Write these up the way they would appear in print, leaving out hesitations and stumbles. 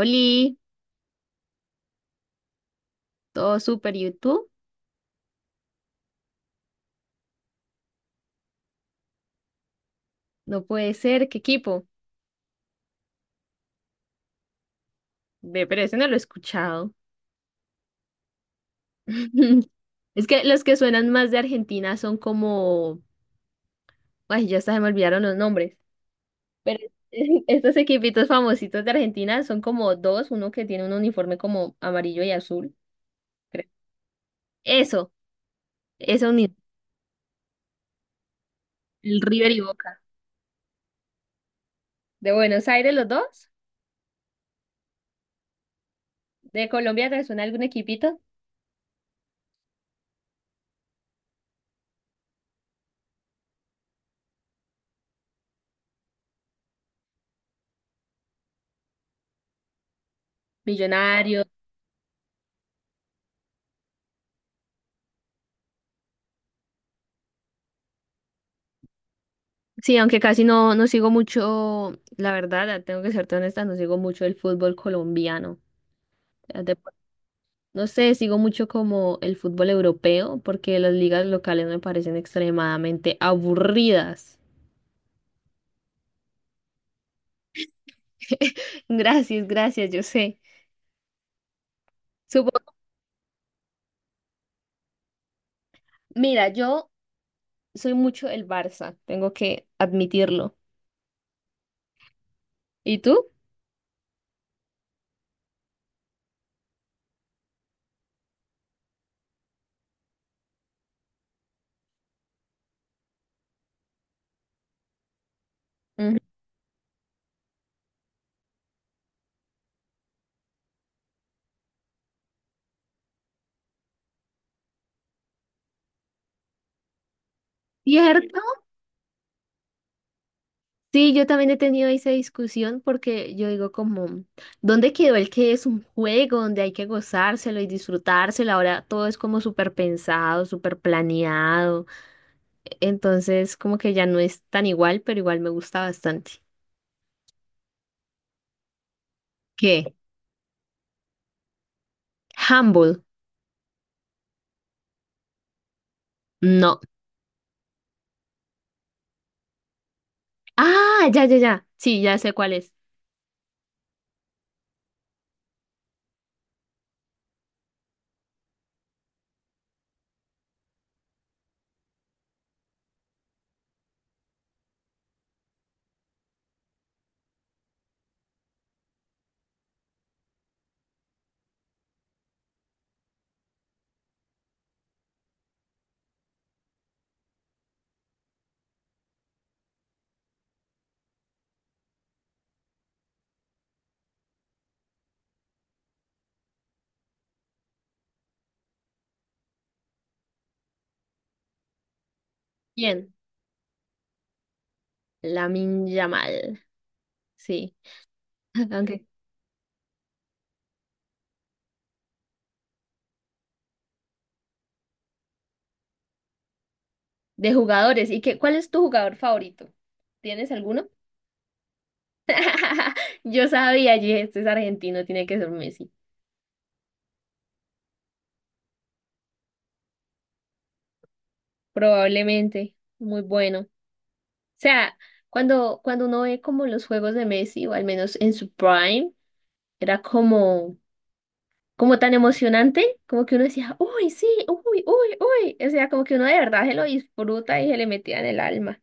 Oli, todo súper YouTube. No puede ser, qué equipo. Ve, pero ese no lo he escuchado. Es que los que suenan más de Argentina son como. Ay, ya hasta se me olvidaron los nombres. Pero estos equipitos famositos de Argentina son como dos: uno que tiene un uniforme como amarillo y azul, creo. Eso, eso mismo. El River y Boca. De Buenos Aires, los dos. De Colombia, ¿te suena algún equipito? Millonarios. Sí, aunque casi no sigo mucho, la verdad, ah, tengo que serte honesta, no sigo mucho el fútbol colombiano. Ya de- No sé, sigo mucho como el fútbol europeo porque las ligas locales me parecen extremadamente aburridas. Gracias, gracias, yo sé. Supongo, mira, yo soy mucho el Barça, tengo que admitirlo. ¿Y tú? Ujú. Cierto. Sí, yo también he tenido esa discusión porque yo digo como, ¿dónde quedó el que es un juego donde hay que gozárselo y disfrutárselo? Ahora todo es como súper pensado, súper planeado. Entonces, como que ya no es tan igual, pero igual me gusta bastante. ¿Qué? Humble. No. Ah, ya, ya, ya. Sí, ya sé cuál es. ¿Quién? Lamin Yamal. Sí. Aunque de jugadores. ¿Y qué? ¿Cuál es tu jugador favorito? ¿Tienes alguno? Yo sabía, yo dije, este es argentino, tiene que ser Messi. Probablemente, muy bueno. O sea, cuando uno ve como los juegos de Messi, o al menos en su prime, era como tan emocionante, como que uno decía, uy, sí, uy, uy, uy. O sea, como que uno de verdad se lo disfruta y se le metía en el alma.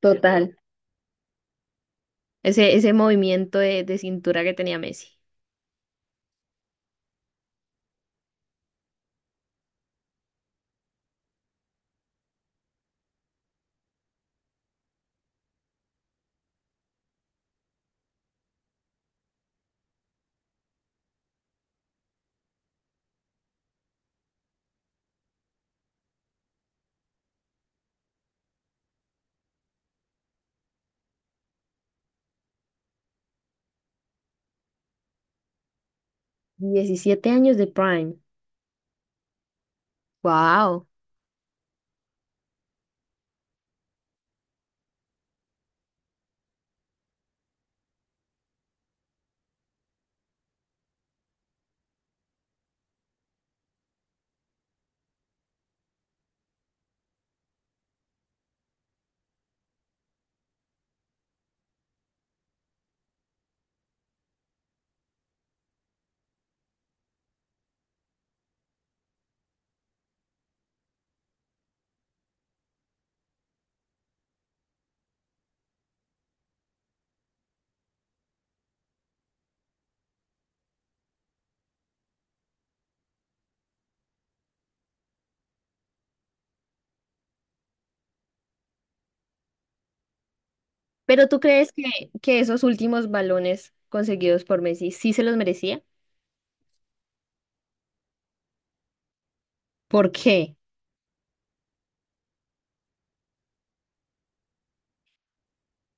Total. Ese movimiento de cintura que tenía Messi. 17 años de Prime. Wow. Pero ¿tú crees que esos últimos balones conseguidos por Messi sí se los merecía? ¿Por qué?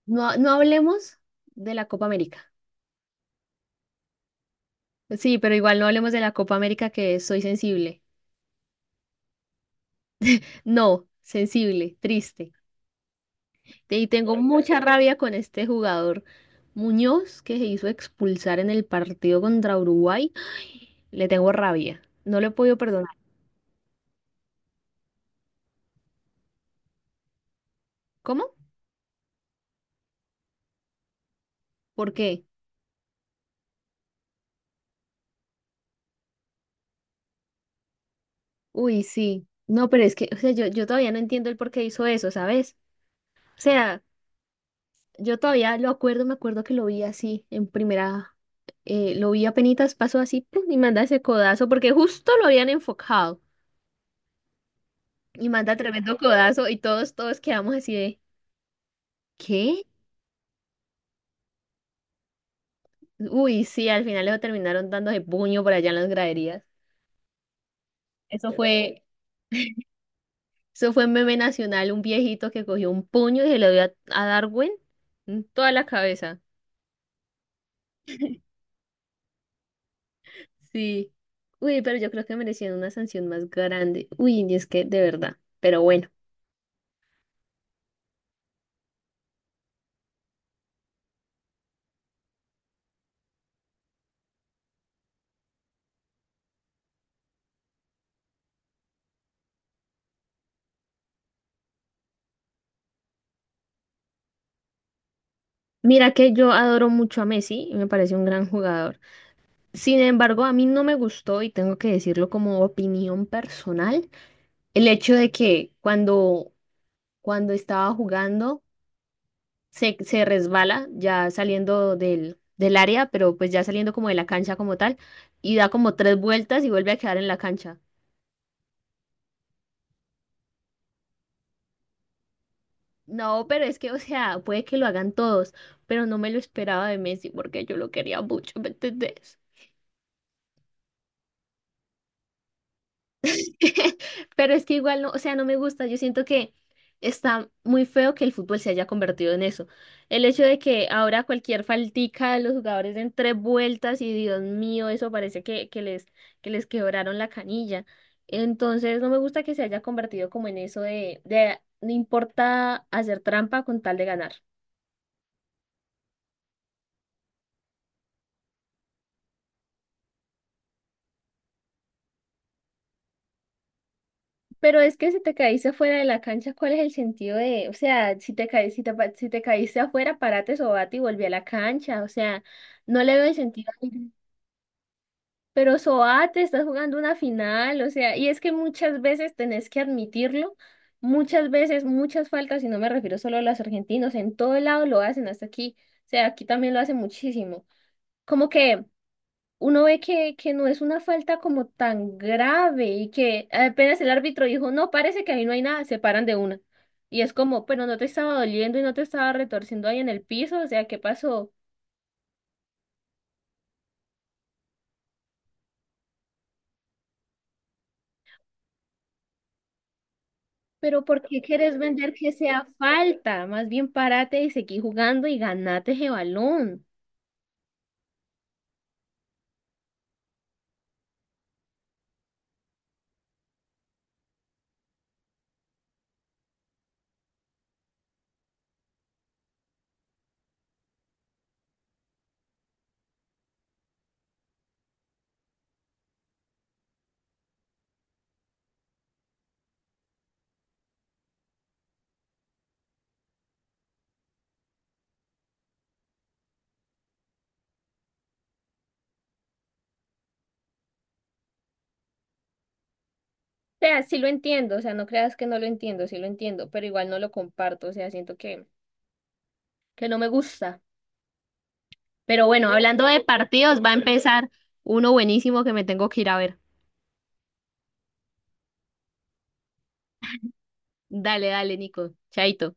No, no hablemos de la Copa América. Sí, pero igual no hablemos de la Copa América que soy sensible. No, sensible, triste. Y tengo mucha rabia con este jugador Muñoz que se hizo expulsar en el partido contra Uruguay. Le tengo rabia. No le he podido perdonar. ¿Cómo? ¿Por qué? Uy, sí. No, pero es que, o sea, yo todavía no entiendo el por qué hizo eso, ¿sabes? O sea, yo todavía lo acuerdo, me acuerdo que lo vi así en primera, lo vi apenitas, pasó así, ¡pum! Y manda ese codazo, porque justo lo habían enfocado, y manda tremendo codazo, y todos, todos quedamos así de, ¿qué? Uy, sí, al final lo terminaron dándose puño por allá en las graderías. Eso fue, eso fue meme nacional, un viejito que cogió un puño y se lo dio a Darwin en toda la cabeza. Sí. Uy, pero yo creo que merecían una sanción más grande. Uy, y es que de verdad, pero bueno. Mira que yo adoro mucho a Messi y me parece un gran jugador. Sin embargo, a mí no me gustó, y tengo que decirlo como opinión personal, el hecho de que cuando, cuando estaba jugando se resbala ya saliendo del área, pero pues ya saliendo como de la cancha como tal, y da como tres vueltas y vuelve a quedar en la cancha. No, pero es que, o sea, puede que lo hagan todos, pero no me lo esperaba de Messi porque yo lo quería mucho, ¿me entendés? Pero es que igual no, o sea, no me gusta. Yo siento que está muy feo que el fútbol se haya convertido en eso. El hecho de que ahora cualquier faltica de los jugadores den tres vueltas y Dios mío, eso parece que les, que les quebraron la canilla. Entonces no me gusta que se haya convertido como en eso de no importa hacer trampa con tal de ganar. Pero es que si te caíste fuera de la cancha, ¿cuál es el sentido de, o sea, si te caíste afuera, parate, sobate y volví a la cancha, o sea, no le veo el sentido. Pero sobate, estás jugando una final, o sea, y es que muchas veces tenés que admitirlo, muchas veces, muchas faltas, y no me refiero solo a los argentinos, en todo lado lo hacen hasta aquí, o sea, aquí también lo hacen muchísimo. Como que uno ve que, no es una falta como tan grave y que apenas el árbitro dijo, no, parece que ahí no hay nada, se paran de una. Y es como, pero no te estaba doliendo y no te estaba retorciendo ahí en el piso, o sea, ¿qué pasó? Pero ¿por qué quieres vender que sea falta? Más bien párate y seguí jugando y ganate ese balón. O sea, sí lo entiendo, o sea, no creas que no lo entiendo, sí lo entiendo, pero igual no lo comparto, o sea, siento que, no me gusta. Pero bueno, hablando de partidos, va a empezar uno buenísimo que me tengo que ir a ver. Dale, dale, Nico. Chaito.